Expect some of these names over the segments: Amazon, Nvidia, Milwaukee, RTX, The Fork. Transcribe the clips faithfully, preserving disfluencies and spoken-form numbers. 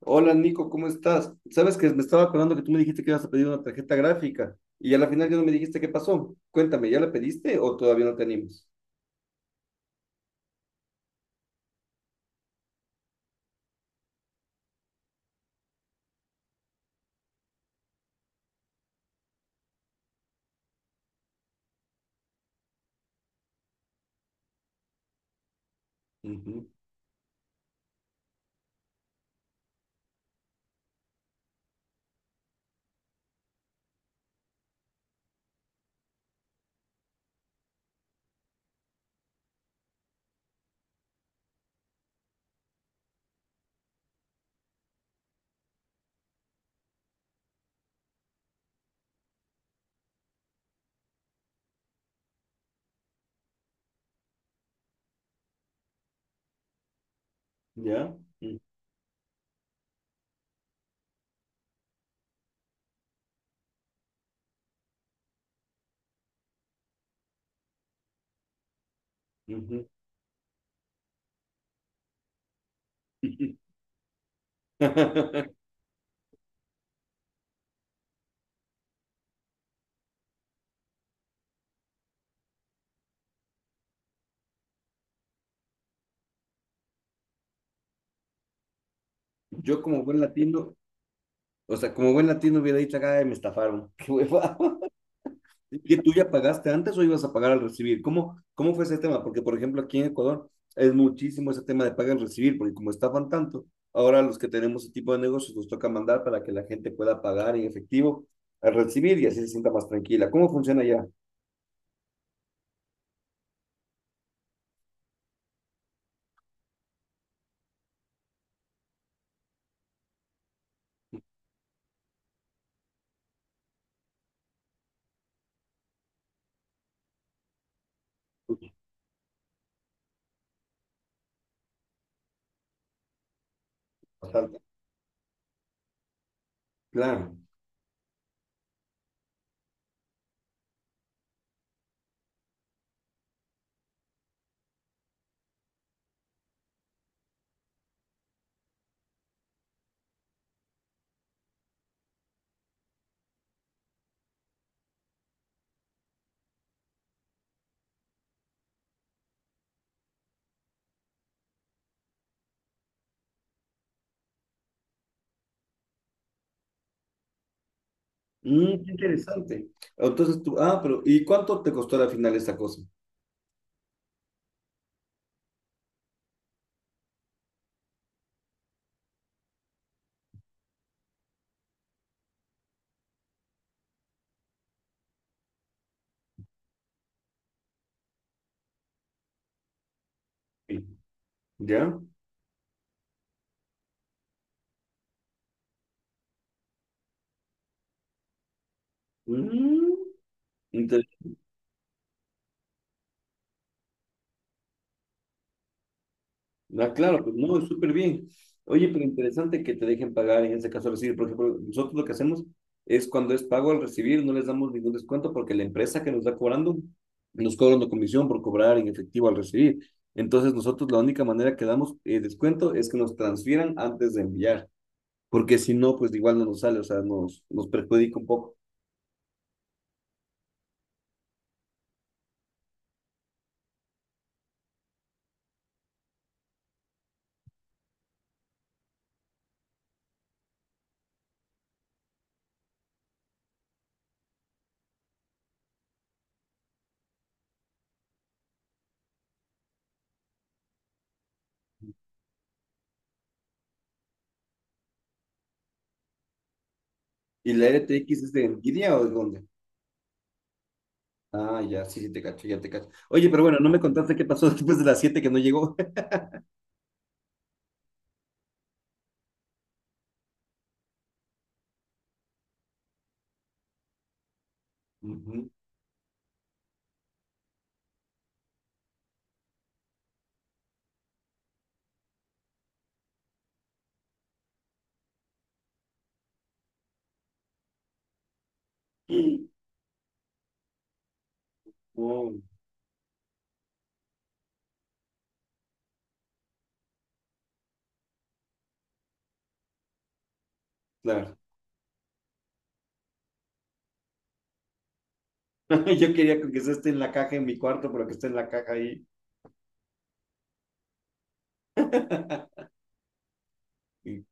Hola Nico, ¿cómo estás? Sabes que me estaba acordando que tú me dijiste que ibas a pedir una tarjeta gráfica y a la final ya no me dijiste qué pasó. Cuéntame, ¿ya la pediste o todavía no te animas? Ujú. ¿Ya? Mm. Ujú. Yo como buen latino, o sea, como buen latino hubiera dicho, ay, me estafaron. Qué hueva. ¿Y tú ya pagaste antes o ibas a pagar al recibir? ¿Cómo, cómo fue ese tema? Porque, por ejemplo, aquí en Ecuador es muchísimo ese tema de pagar al recibir, porque como estaban tanto, ahora los que tenemos ese tipo de negocios nos toca mandar para que la gente pueda pagar en efectivo al recibir y así se sienta más tranquila. ¿Cómo funciona ya? Bastante. Claro. Mm, qué interesante. Entonces tú, ah, pero ¿y cuánto te costó al final esa cosa? Sí. ¿Ya? Mm. Ah, claro, pues no, es súper bien. Oye, pero interesante que te dejen pagar en ese caso recibir. Por ejemplo, nosotros lo que hacemos es cuando es pago al recibir, no les damos ningún descuento porque la empresa que nos está cobrando nos cobra una comisión por cobrar en efectivo al recibir. Entonces, nosotros la única manera que damos eh, descuento es que nos transfieran antes de enviar, porque si no, pues igual no nos sale, o sea, nos, nos perjudica un poco. ¿Y la R T X es de Nvidia o de dónde? Ah, ya, sí, sí, te cacho, ya te cacho. Oye, pero bueno, no me contaste qué pasó después de las siete que no llegó. Ujú. Oh, claro. Yo quería que quizás esté en la caja en mi cuarto, pero que esté en la caja ahí. Y-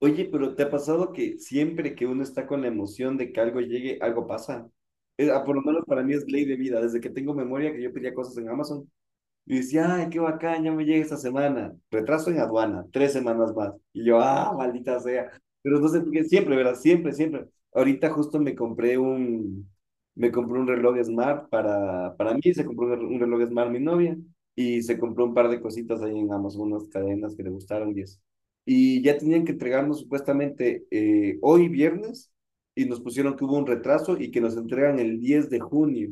Oye, pero ¿te ha pasado que siempre que uno está con la emoción de que algo llegue, algo pasa? Es ah, por lo menos para mí es ley de vida. Desde que tengo memoria que yo pedía cosas en Amazon. Y dice, ay, qué bacán, ya me llega esta semana. Retraso en aduana, tres semanas más. Y yo, ah, maldita sea. Pero entonces, porque siempre, ¿verdad? Siempre, siempre. Ahorita justo me compré un, me compré un reloj Smart para, para mí, se compró un un reloj Smart mi novia y se compró un par de cositas ahí en Amazon, unas cadenas que le gustaron y eso. Y ya tenían que entregarnos supuestamente eh, hoy viernes y nos pusieron que hubo un retraso y que nos entregan el diez de junio.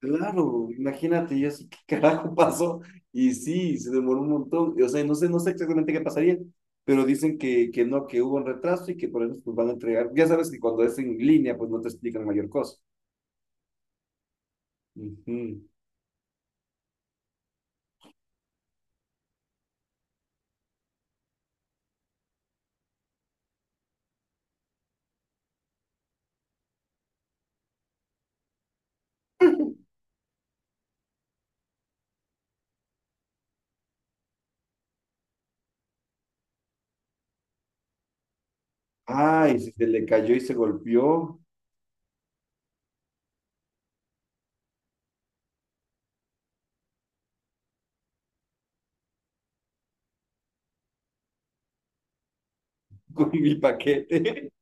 Claro, imagínate, yo así, ¿qué carajo pasó? Y sí, se demoró un montón. O sea, no sé, no sé exactamente qué pasaría, pero dicen que, que no, que hubo un retraso y que por eso pues, van a entregar. Ya sabes que cuando es en línea, pues no te explican mayor cosa. Ujú. Ay, si se le cayó y se golpeó con mi paquete.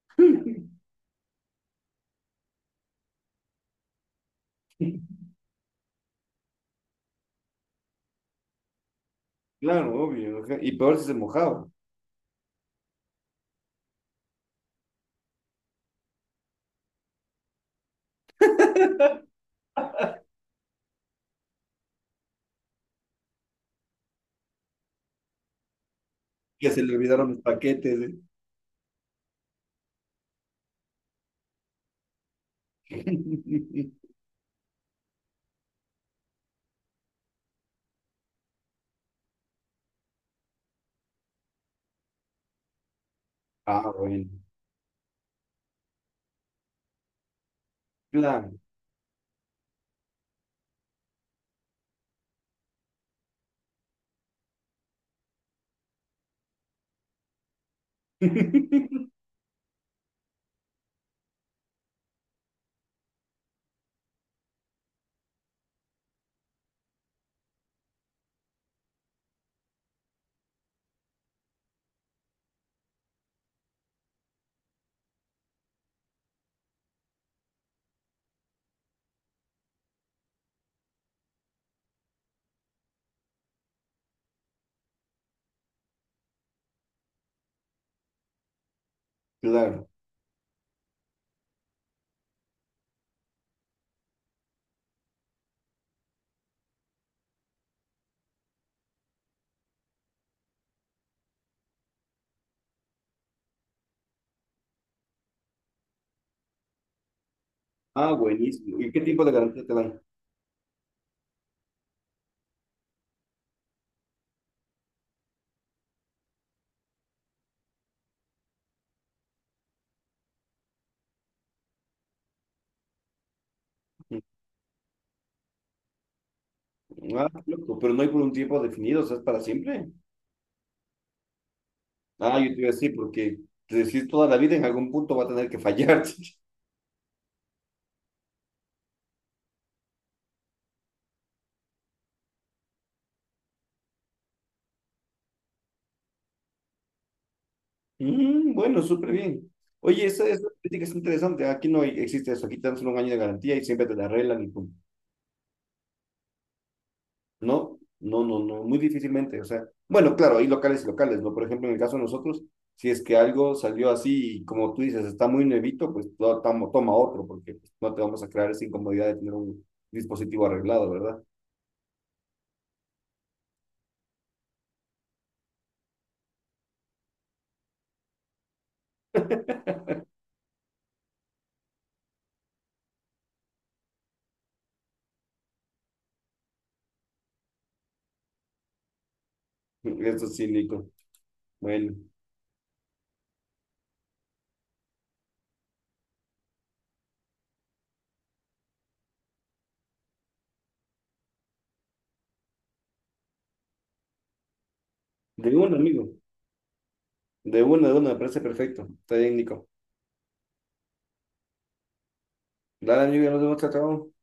Claro, obvio. Ajá. Y peor si se mojaba, que se le olvidaron los paquetes. ¿Eh? Ah, bueno. Claro, claro. Ah, buenísimo. ¿Y qué tipo de garantía te dan? Mm. Ah, loco, pero no hay por un tiempo definido, o sea, es para siempre. Ah, yo te iba a decir, porque te decís toda la vida, en algún punto va a tener que fallar. Mm, bueno, súper bien. Oye, esa, esa política es interesante. Aquí no hay- existe eso. Aquí te dan solo un año de garantía y siempre te la arreglan y pum. No, no, no, no, muy difícilmente. O sea, bueno, claro, hay locales y locales, ¿no? Por ejemplo, en el caso de nosotros, si es que algo salió así y como tú dices, está muy nuevito, pues to- toma, toma otro, porque pues, no te vamos a crear esa incomodidad de tener un dispositivo arreglado, ¿verdad? Eso sí, Nico. Bueno, de uno, amigo. De uno, de uno, me parece perfecto. Está bien, Nico. Dale, amigo, ya nos vemos, chao, chao.